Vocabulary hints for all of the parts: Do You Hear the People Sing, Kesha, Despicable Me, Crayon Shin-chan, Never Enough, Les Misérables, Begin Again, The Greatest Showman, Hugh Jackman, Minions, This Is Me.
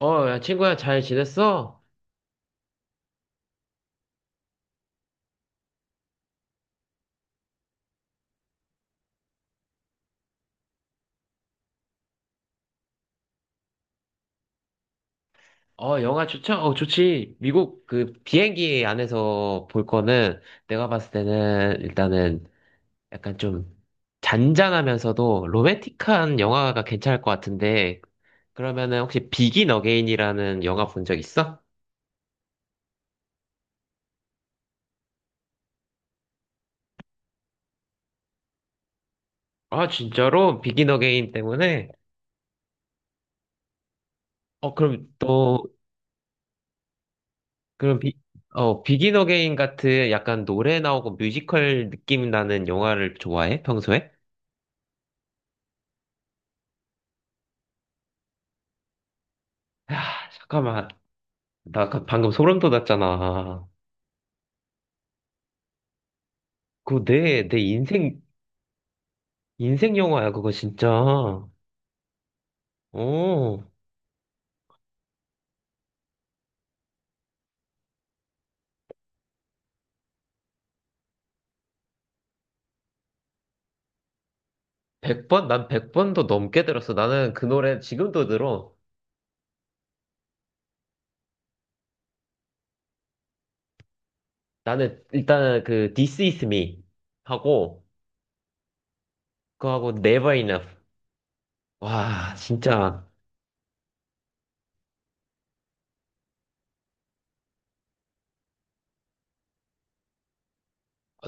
어, 야, 친구야, 잘 지냈어? 어, 영화 추천? 어, 좋지. 미국 그 비행기 안에서 볼 거는 내가 봤을 때는 일단은 약간 좀 잔잔하면서도 로맨틱한 영화가 괜찮을 것 같은데, 그러면은 혹시 비긴 어게인이라는 영화 본 적 있어? 아, 진짜로? 비긴 어게인 때문에? 어, 그럼 또, 그럼 비, 비긴 어게인 같은 약간 노래 나오고 뮤지컬 느낌 나는 영화를 좋아해? 평소에? 야, 잠깐만. 나 아까 방금 소름 돋았잖아. 그거 내 인생 영화야, 그거 진짜. 어, 100번, 난 100번도 넘게 들었어. 나는 그 노래 지금도 들어. 나는 일단은 그 This Is Me 하고, 그거하고 Never Enough. 와, 진짜.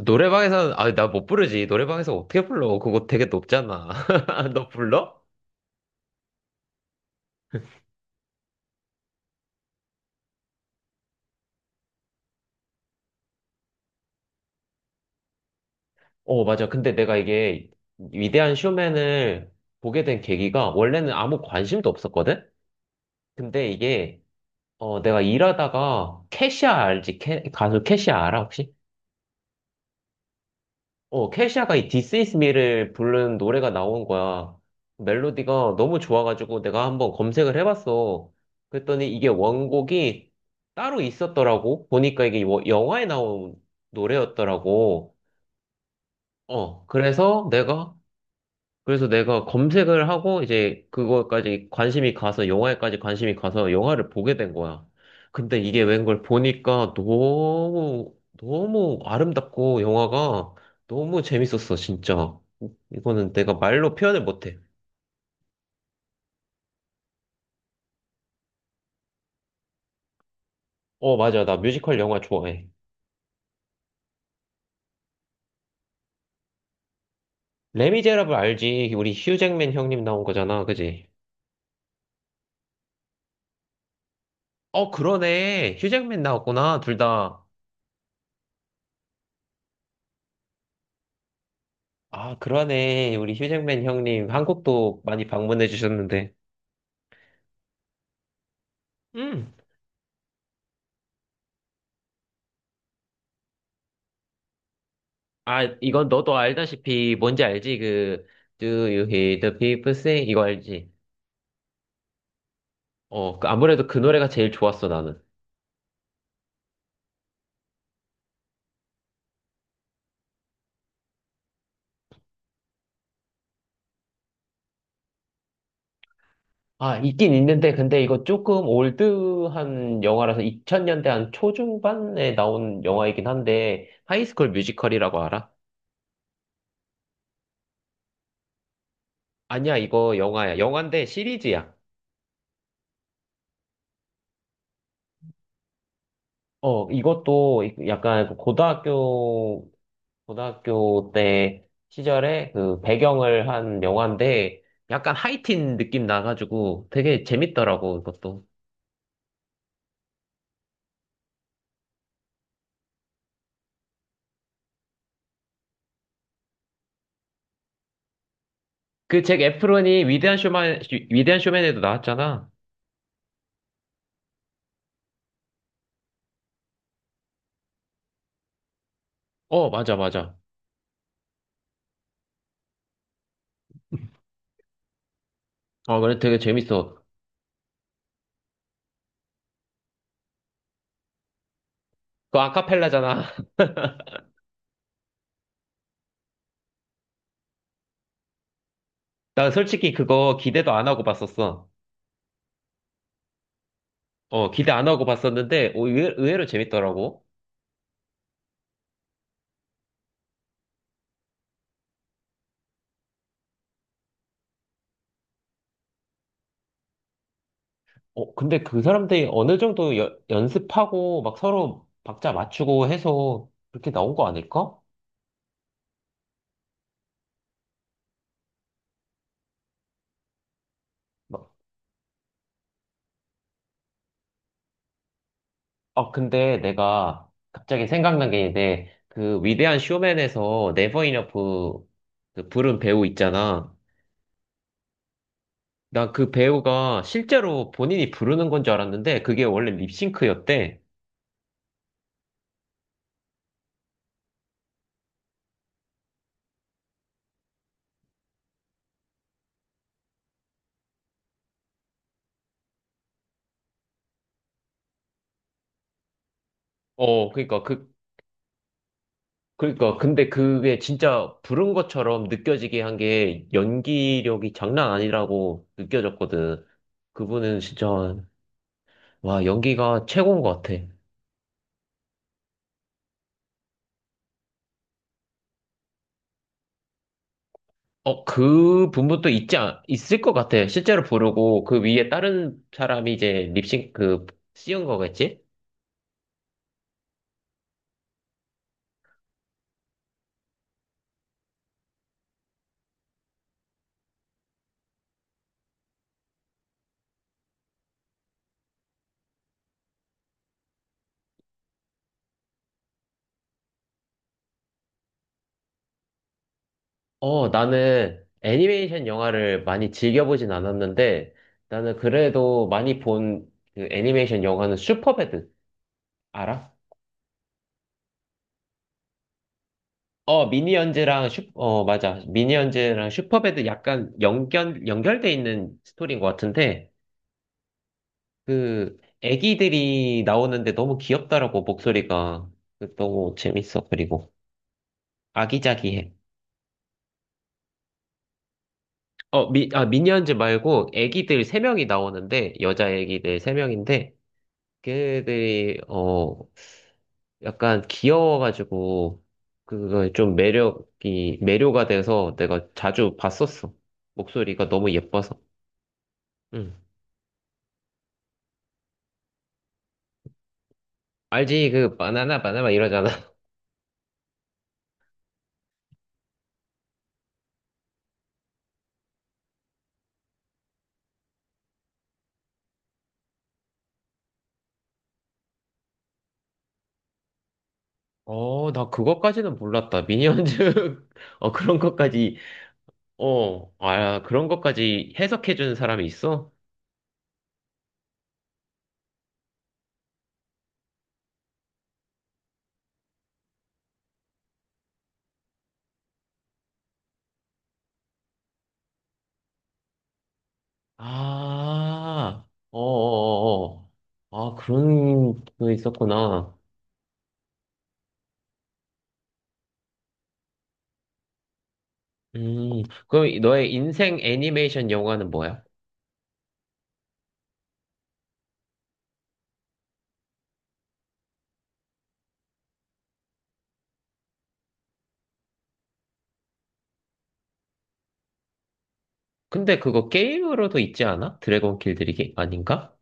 노래방에서는, 아, 나 못 부르지. 노래방에서 어떻게 불러? 그거 되게 높잖아. 너 불러? 어, 맞아. 근데 내가 이게 위대한 쇼맨을 보게 된 계기가 원래는 아무 관심도 없었거든? 근데 이게 어 내가 일하다가 캐시아 알지? 가수 캐시아 알아 혹시? 어 캐시아가 이 This Is Me를 부른 노래가 나온 거야. 멜로디가 너무 좋아가지고 내가 한번 검색을 해봤어. 그랬더니 이게 원곡이 따로 있었더라고. 보니까 이게 뭐 영화에 나온 노래였더라고. 어 그래서 내가 검색을 하고 이제 그거까지 관심이 가서 영화에까지 관심이 가서 영화를 보게 된 거야. 근데 이게 웬걸, 보니까 너무 너무 아름답고 영화가 너무 재밌었어, 진짜. 이거는 내가 말로 표현을 못해. 어, 맞아. 나 뮤지컬 영화 좋아해. 레미제라블 알지? 우리 휴잭맨 형님 나온 거잖아, 그지? 어, 그러네. 휴잭맨 나왔구나, 둘 다. 아, 그러네. 우리 휴잭맨 형님 한국도 많이 방문해 주셨는데. 음. 아, 이건 너도 알다시피 뭔지 알지? 그 Do you hear the people sing? 이거 알지? 어, 그 아무래도 그 노래가 제일 좋았어, 나는. 아, 있긴 있는데 근데 이거 조금 올드한 영화라서 2000년대 한 초중반에 나온 영화이긴 한데, 하이스쿨 뮤지컬이라고 알아? 아니야, 이거 영화야. 영화인데 시리즈야. 어, 이것도 약간 고등학교 때 시절에 그 배경을 한 영화인데 약간 하이틴 느낌 나가지고 되게 재밌더라고, 이것도. 그 잭 에프론이 위대한 쇼맨, 위대한 쇼맨에도 나왔잖아. 어, 맞아, 맞아. 어, 그래, 되게 재밌어. 그거 아카펠라잖아. 나 솔직히 그거 기대도 안 하고 봤었어. 어, 기대 안 하고 봤었는데, 의외로 재밌더라고. 어, 근데 그 사람들이 어느 정도 연습하고 막 서로 박자 맞추고 해서 그렇게 나온 거 아닐까? 어, 근데 내가 갑자기 생각난 게 있는데, 그 위대한 쇼맨에서 네버 이너프 그 부른 배우 있잖아. 나 그 배우가 실제로 본인이 부르는 건 줄 알았는데, 그게 원래 립싱크였대. 어, 그니까, 근데 그게 진짜 부른 것처럼 느껴지게 한 게 연기력이 장난 아니라고 느껴졌거든. 그분은 진짜, 와, 연기가 최고인 것 같아. 어, 그 부분도 있지, 있을 것 같아. 실제로 부르고, 그 위에 다른 사람이 이제 씌운 거겠지? 어, 나는 애니메이션 영화를 많이 즐겨보진 않았는데, 나는 그래도 많이 본 그 애니메이션 영화는 슈퍼배드. 알아? 어, 미니언즈랑 맞아. 미니언즈랑 슈퍼배드 약간 연결돼 있는 스토리인 것 같은데, 그, 애기들이 나오는데 너무 귀엽더라고, 목소리가. 그, 너무 재밌어, 그리고. 아기자기해. 어, 미니언즈 말고 애기들 세명이 나오는데, 여자 애기들 세명인데 걔네들이, 약간 귀여워가지고, 그거 좀 매력이, 매료가 돼서 내가 자주 봤었어. 목소리가 너무 예뻐서. 응. 알지? 그, 바나나, 바나나 이러잖아. 어, 나 그것까지는 몰랐다. 미니언즈, 어, 그런 것까지, 그런 것까지 해석해주는 사람이 있어? 아, 어어어어. 아, 그런 거 있었구나. 음, 그럼 너의 인생 애니메이션 영화는 뭐야? 근데 그거 게임으로도 있지 않아? 드래곤 길들이기? 아닌가?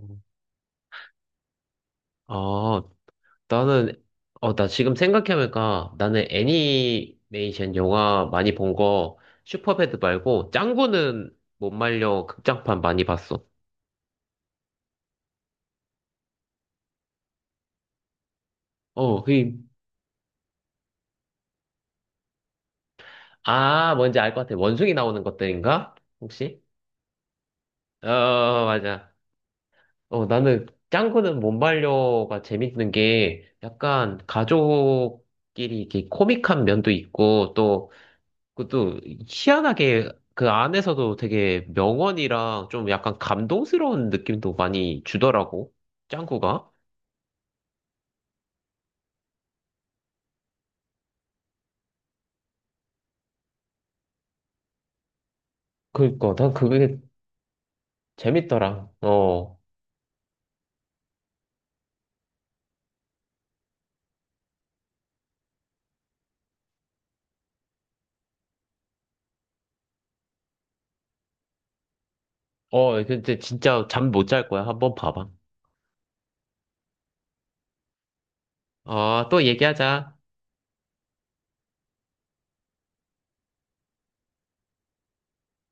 음. 아, 나는, 나 지금 생각해보니까 나는 애니메이션 영화 많이 본 거, 슈퍼배드 말고, 짱구는 못 말려 극장판 많이 봤어. 어, 그, 뭔지 알 것 같아. 원숭이 나오는 것들인가? 혹시? 어, 맞아. 어, 나는 짱구는 몸발려가 재밌는 게 약간 가족끼리 이렇게 코믹한 면도 있고 또, 그것도 희한하게 그 안에서도 되게 명언이랑 좀 약간 감동스러운 느낌도 많이 주더라고. 짱구가. 그니까, 난 그게 재밌더라. 어. 어, 근데 진짜 잠 못 잘 거야. 한번 봐봐. 어, 또 얘기하자.